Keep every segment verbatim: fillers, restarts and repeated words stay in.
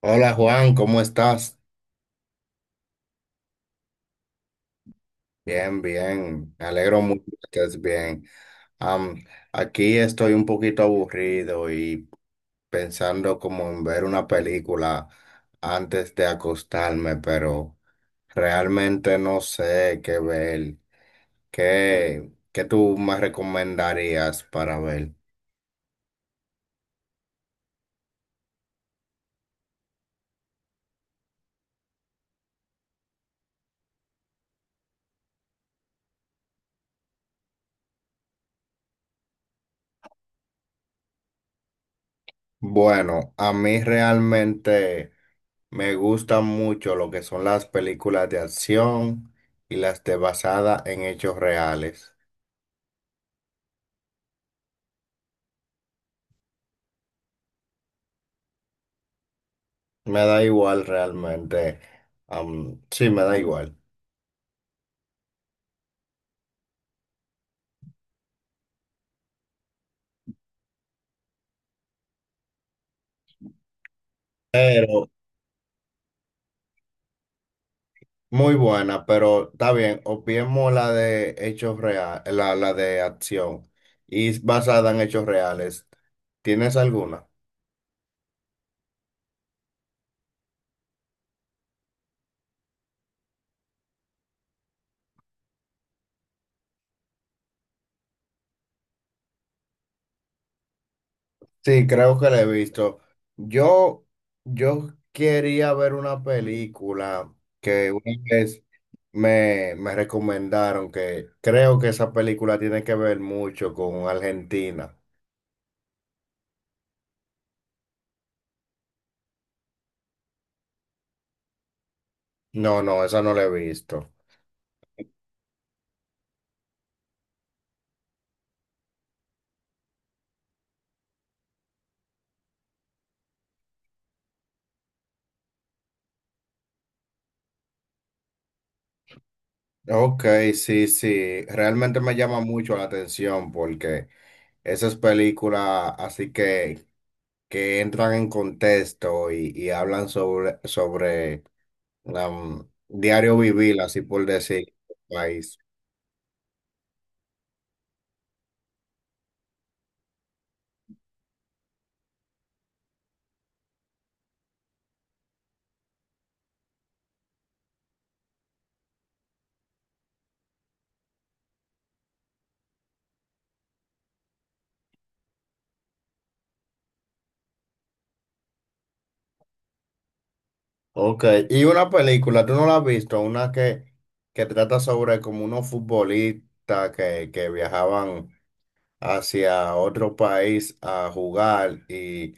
Hola Juan, ¿cómo estás? Bien, bien. Me alegro mucho que estés bien. Am, aquí estoy un poquito aburrido y pensando como en ver una película antes de acostarme, pero realmente no sé qué ver. ¿Qué, qué tú me recomendarías para ver? Bueno, a mí realmente me gustan mucho lo que son las películas de acción y las de basada en hechos reales. Me da igual realmente. Am, sí, me da igual. Pero muy buena, pero está bien. Obviemos la de hechos reales, la, la de acción. Y es basada en hechos reales. ¿Tienes alguna? Sí, creo que la he visto. Yo, yo quería ver una película que una vez me, me recomendaron, que creo que esa película tiene que ver mucho con Argentina. No, no, esa no la he visto. Ok, sí, sí, realmente me llama mucho la atención porque esas películas así que, que entran en contexto y, y hablan sobre, sobre um, diario vivir, así por decir, país. Ok, y una película, ¿tú no la has visto? Una que, que trata sobre como unos futbolistas que, que viajaban hacia otro país a jugar, y,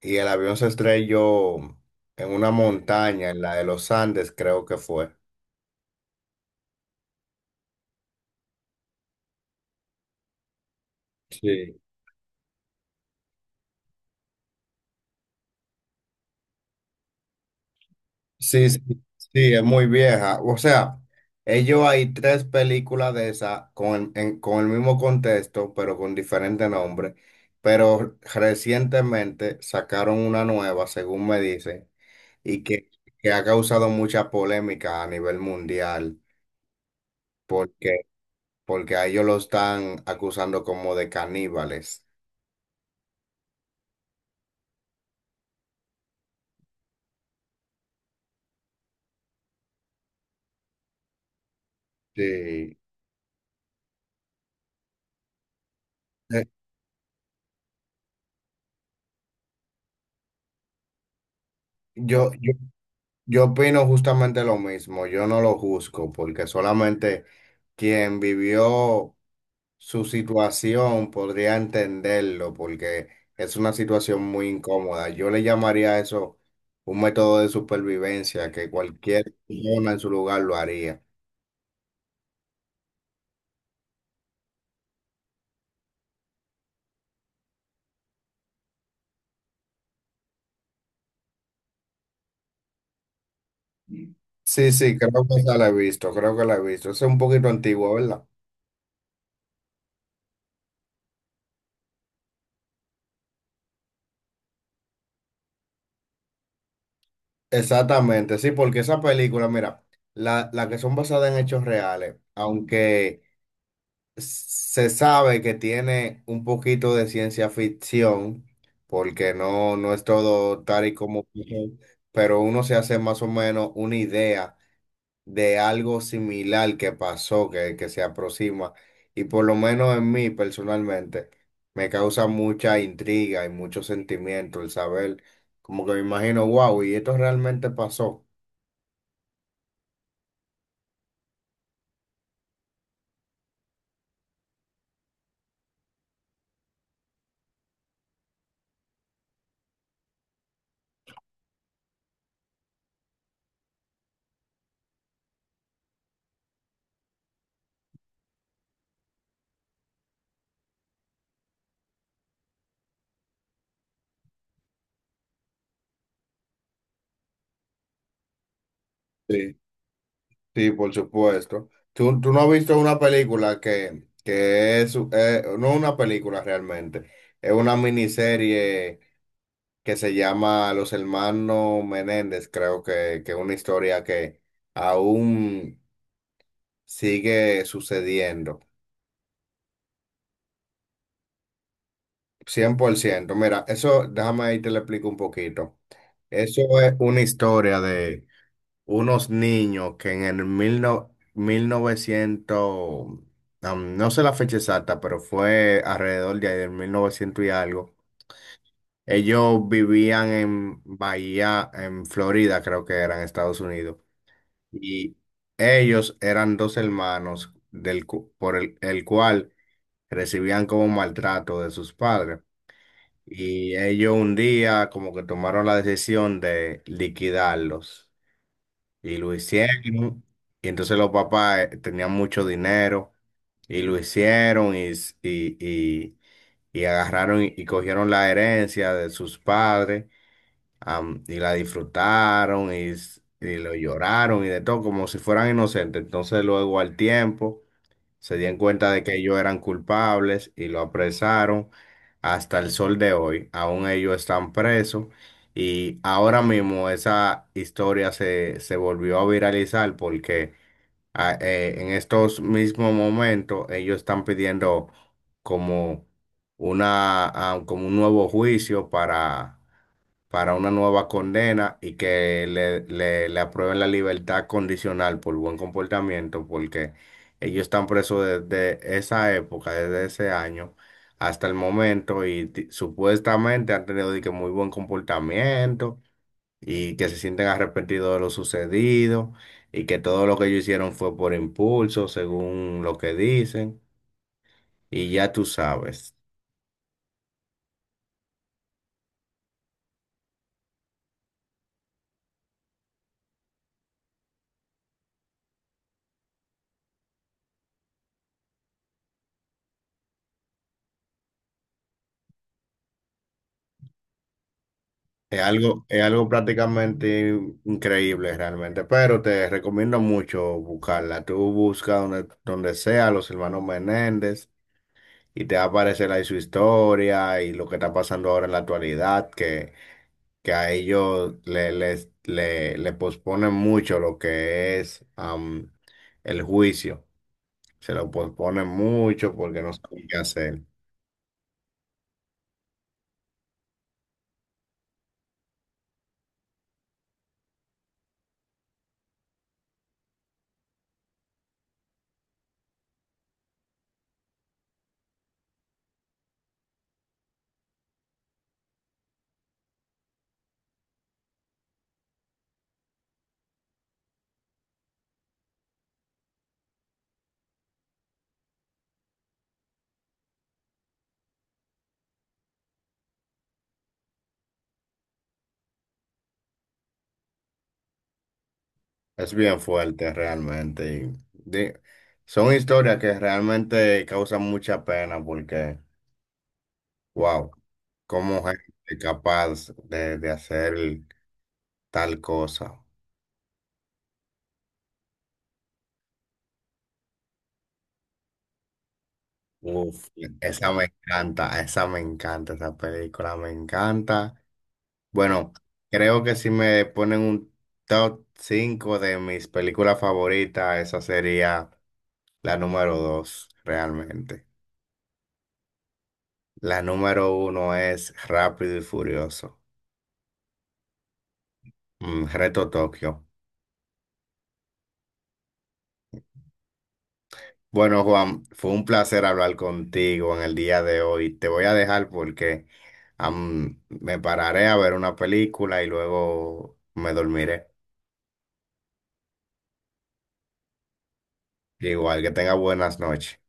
y el avión se estrelló en una montaña, en la de los Andes, creo que fue. Sí. Sí, sí, sí, es muy vieja. O sea, ellos hay tres películas de esa con, en- con el mismo contexto, pero con diferente nombre. Pero recientemente sacaron una nueva, según me dicen, y que, que ha causado mucha polémica a nivel mundial, porque, porque a ellos lo están acusando como de caníbales. Sí. Eh, Yo, yo Yo opino justamente lo mismo, yo no lo juzgo porque solamente quien vivió su situación podría entenderlo, porque es una situación muy incómoda. Yo le llamaría a eso un método de supervivencia que cualquier persona en su lugar lo haría. Sí, sí, creo que esa la he visto, creo que la he visto. Es un poquito antigua, ¿verdad? Exactamente, sí, porque esa película, mira, la, la que son basadas en hechos reales, aunque se sabe que tiene un poquito de ciencia ficción, porque no, no es todo tal y como, pero uno se hace más o menos una idea de algo similar que pasó, que, que se aproxima. Y por lo menos en mí personalmente, me causa mucha intriga y mucho sentimiento el saber, como que me imagino, wow, y esto realmente pasó. Sí, por supuesto. ¿Tú, tú no has visto una película que, que es, eh, no una película realmente, es una miniserie que se llama Los Hermanos Menéndez? Creo que que es una historia que aún sigue sucediendo, cien por ciento. Mira, eso, déjame ahí te lo explico un poquito. Eso es una historia de unos niños que en el mil no- mil novecientos, am, no sé la fecha exacta, pero fue alrededor de ahí del mil novecientos y algo. Ellos vivían en Bahía, en Florida, creo que era en Estados Unidos. Y ellos eran dos hermanos del, cu- por el, el cual recibían como maltrato de sus padres. Y ellos un día como que tomaron la decisión de liquidarlos. Y lo hicieron. Y entonces los papás eh, tenían mucho dinero, y lo hicieron y, s- y, y- y agarraron y, y cogieron la herencia de sus padres, am, y la disfrutaron y, s- y lo lloraron y de todo como si fueran inocentes. Entonces luego al tiempo se dieron cuenta de que ellos eran culpables y lo apresaron hasta el sol de hoy. Aún ellos están presos, y ahora mismo esa historia se, se volvió a viralizar porque ah, eh, en estos mismos momentos ellos están pidiendo como una, ah, como un nuevo juicio, para para una nueva condena, y que le, le- le aprueben la libertad condicional por buen comportamiento, porque ellos están presos desde esa época, desde ese año hasta el momento, y ti- supuestamente han tenido de que muy buen comportamiento, y que se sienten arrepentidos de lo sucedido, y que todo lo que ellos hicieron fue por impulso, según lo que dicen, y ya tú sabes. Es algo, es algo prácticamente increíble realmente, pero te recomiendo mucho buscarla. Tú busca donde, donde sea los hermanos Menéndez y te va a aparecer ahí su historia y lo que está pasando ahora en la actualidad, que, que a ellos le, les, le, le posponen mucho lo que es am, el juicio. Se lo posponen mucho porque no saben qué hacer. Es bien fuerte realmente. Y de- son historias que realmente causan mucha pena, porque, wow, cómo gente capaz de, de hacer tal cosa. Uf, esa me encanta, esa me encanta, esa película me encanta. Bueno, creo que si me ponen un top cinco de mis películas favoritas, esa sería la número dos realmente. La número uno es Rápido y Furioso. Mm, Reto Tokio. Bueno, Juan, fue un placer hablar contigo en el día de hoy. Te voy a dejar porque am, me pararé a ver una película y luego me dormiré. Igual que tenga buenas noches.